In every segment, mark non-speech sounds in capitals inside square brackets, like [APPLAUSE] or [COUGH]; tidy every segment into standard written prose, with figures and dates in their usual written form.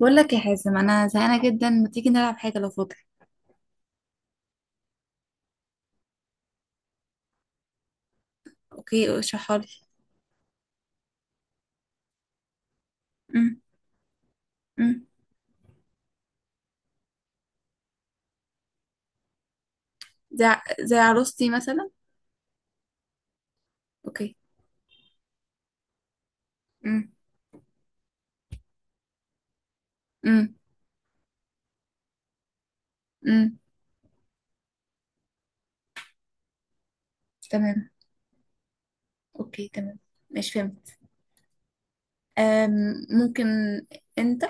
بقول لك يا حازم، انا زهقانه جدا. ما تيجي نلعب حاجه لو فاضي؟ اوكي اشرحها لي. امم امم زي زي عروستي مثلا. اوكي. امم امم امم تمام. اوكي تمام. مش فهمت. أم ممكن انت.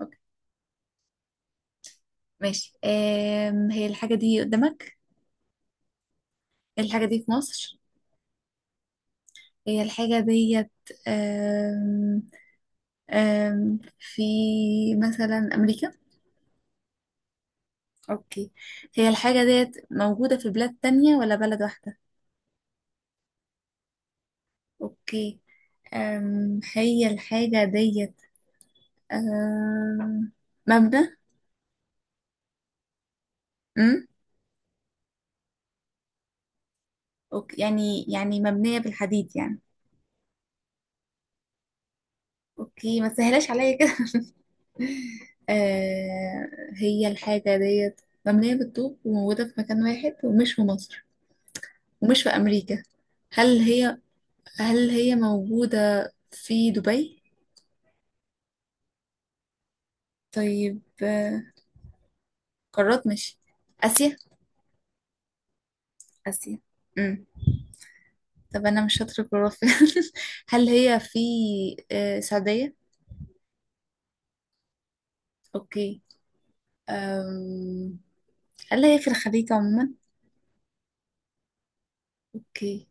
اوكي ماشي. هي الحاجه دي قدامك؟ الحاجه دي في مصر؟ هي الحاجه ديت أم في مثلا امريكا؟ اوكي. هي الحاجه ديت موجوده في بلاد تانية ولا بلد واحده؟ اوكي. هي الحاجة ديت أم، مبنى؟ أم؟ أوكي، يعني مبنية بالحديد يعني؟ اوكي ما تسهلاش عليا كده. [LAUGHS] أه، هي الحاجة ديت مبنية بالطوب وموجودة في مكان واحد ومش في مصر ومش في أمريكا. هل هي هل هي موجودة في دبي؟ طيب قارات. مش آسيا؟ آسيا. أم. طب أنا مش شاطرة في الجغرافيا. [LAUGHS] هل هي في السعودية؟ اوكي. أم... هل هي في الخليج عموما؟ اوكي.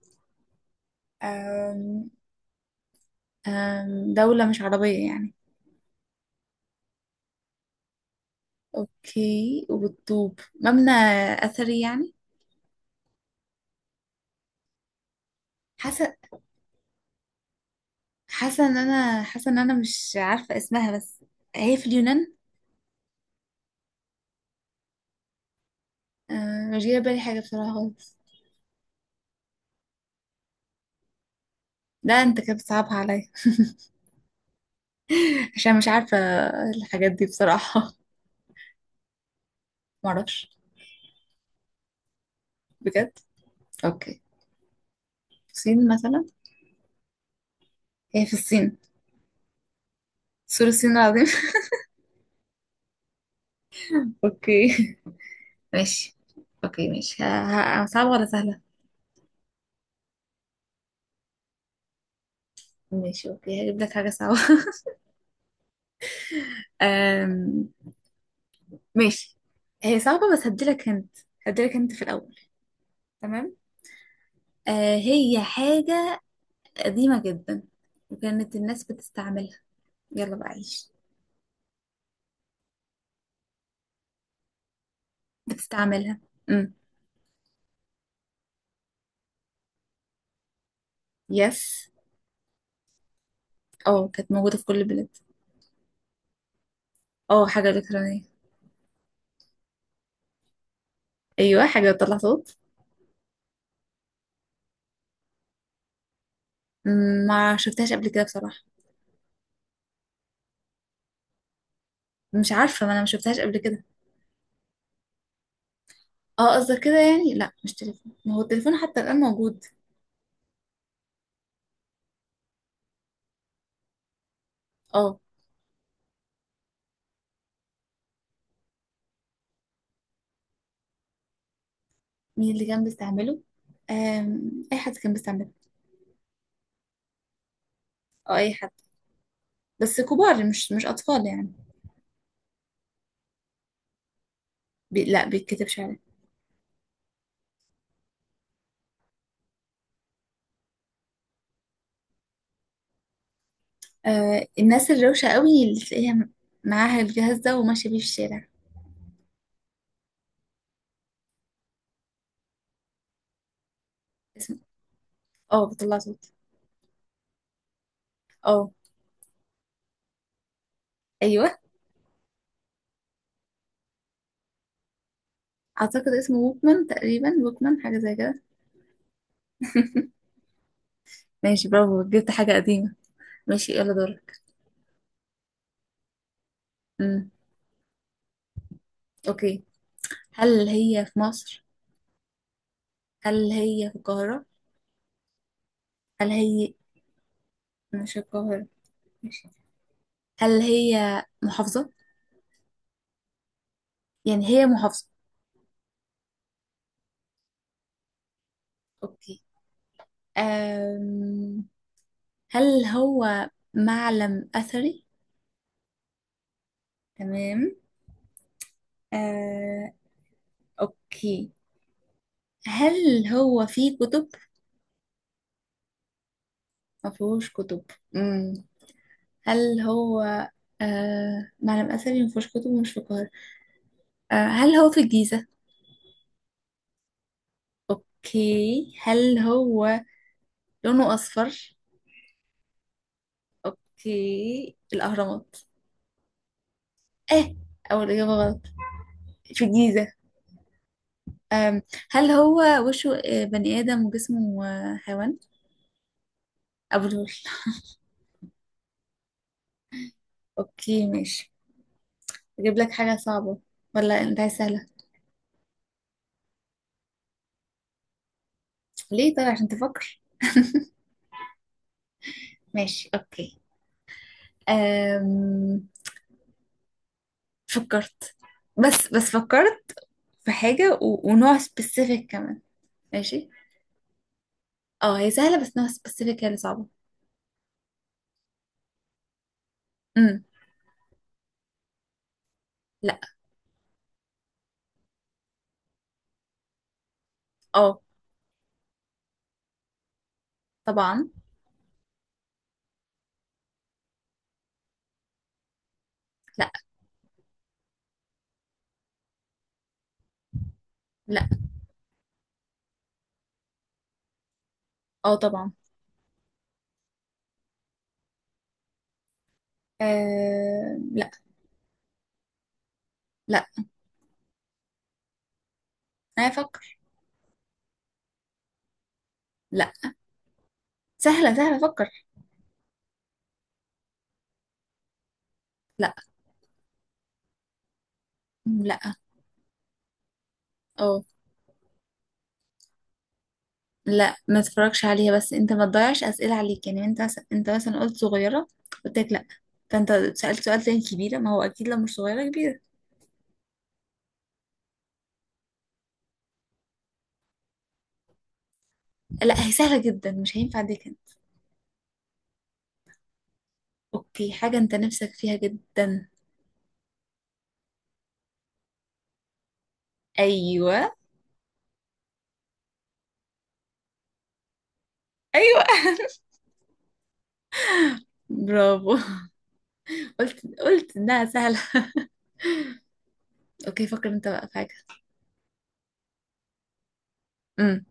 أم... دولة مش عربية يعني؟ اوكي، وبتطوب مبنى اثري يعني. حاسة حاسة ان انا مش عارفة اسمها بس. هي في اليونان؟ مش جاية بالي حاجة بصراحة خالص. لا انت كده بتصعبها عليا. [LAUGHS] عشان مش عارفة الحاجات دي بصراحة. [LAUGHS] معرفش. بجد؟ اوكي. الصين مثلا؟ هي في الصين. سور الصين العظيم. [LAUGHS] اوكي ماشي. اوكي ماشي. صعبة ولا سهلة؟ ماشي اوكي، هجيب لك حاجة صعبة. [LAUGHS] أم... ماشي. هي صعبة بس هديلك هنت. هديلك هنت في الأول. تمام. آه هي حاجة قديمة جدا وكانت الناس بتستعملها. يلا بقى عيش. بتستعملها. امم يس. اه، كانت موجودة في كل البلاد. اه، حاجة إلكترونية. ايوه، حاجة بتطلع صوت. مم، ما شفتهاش قبل كده بصراحة. مش عارفة، ما انا ما شفتهاش قبل كده. اه قصدك كده يعني؟ لا مش تليفون، ما هو التليفون حتى الآن موجود. اه. مين اللي كان بيستعمله؟ آم، اي حد كان بيستعمله. اه اي حد، بس كبار مش اطفال يعني. بي لا بيتكتبش عليه. آه، الناس الروشه قوي اللي تلاقيها معاها الجهاز ده وماشيه بيه في الشارع. اسمه؟ اه بيطلع صوت. اه ايوه، اعتقد اسمه ووكمان تقريبا، ووكمان حاجه زي كده. [LAUGHS] ماشي برافو، جبت حاجه قديمه. ماشي يلا دورك. امم اوكي. هل هي في مصر؟ هل هي في القاهره؟ هل هي مش القاهره؟ ماشي. هل هي محافظه؟ يعني هي محافظه؟ اوكي. أم هل هو معلم اثري؟ تمام. أه اوكي. هل هو فيه كتب؟ ما فيهوش كتب. مم. هل هو أه معلم اثري ما فيهوش كتب ومش في القاهره؟ أه هل هو في الجيزه؟ اوكي، هل هو لونه اصفر؟ اوكي، الاهرامات. اه، اول اجابه غلط، في الجيزه. أم هل هو وشه بني ادم وجسمه حيوان؟ ابو الهول. اوكي ماشي. اجيب لك حاجة صعبة ولا انت عايز سهلة؟ ليه؟ طيب عشان تفكر. ماشي اوكي. أم... فكرت. بس فكرت في حاجة ونوع سبيسيفيك كمان. ماشي. اه هي سهلة بس نوع سبيسيفيك هي اللي صعبة. امم لا. اه طبعا. لا. لا. اه طبعا. أم... لا. لا، انا افكر. لا. سهلة سهلة، فكر. لا. لا. اه. لا ما تتفرجش عليها، بس انت ما تضيعش اسئله عليك يعني. انت مثلا، قلت صغيره، قلت لك لا، فانت سالت سؤال تاني كبيره. ما هو اكيد لو مش صغيره كبيره. لا هي سهله جدا مش هينفع اديك انت. اوكي، حاجه انت نفسك فيها جدا. ايوه. ايوه. [LAUGHS] برافو. قلت انها سهله. اوكي فكر انت بقى في حاجه. امم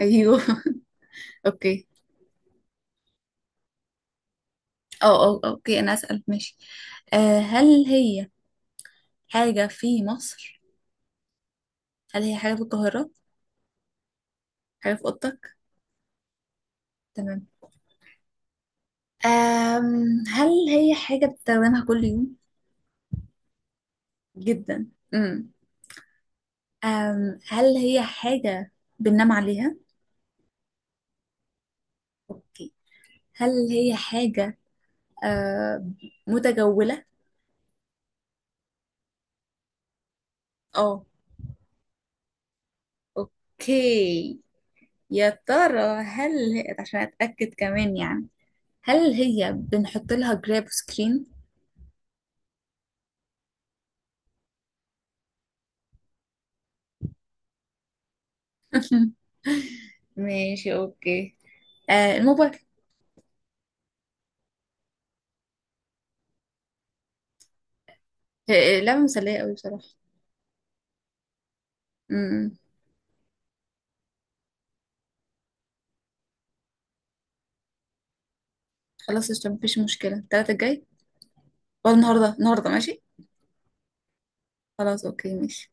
ايوه. [LAUGHS] اوكي. اه اه اوكي انا اسال، ماشي. آه هل هي حاجه في مصر؟ هل هي حاجه في القاهره؟ حاجه في اوضتك؟ تمام. هل هي حاجة بتستخدمها كل يوم؟ جدا. أم هل هي حاجة بننام عليها؟ أوكي. هل هي حاجة أم، متجولة؟ اه. اوكي. يا ترى هل هي، عشان أتأكد كمان يعني، هل هي بنحط لها جراب سكرين؟ [LAUGHS] ماشي اوكي. آه الموبايل. لعبة مسلية قوي بصراحة. أمم. خلاص قشطة، مفيش مشكلة. التلاتة الجاي ولا النهاردة؟ النهاردة ماشي. خلاص اوكي ماشي.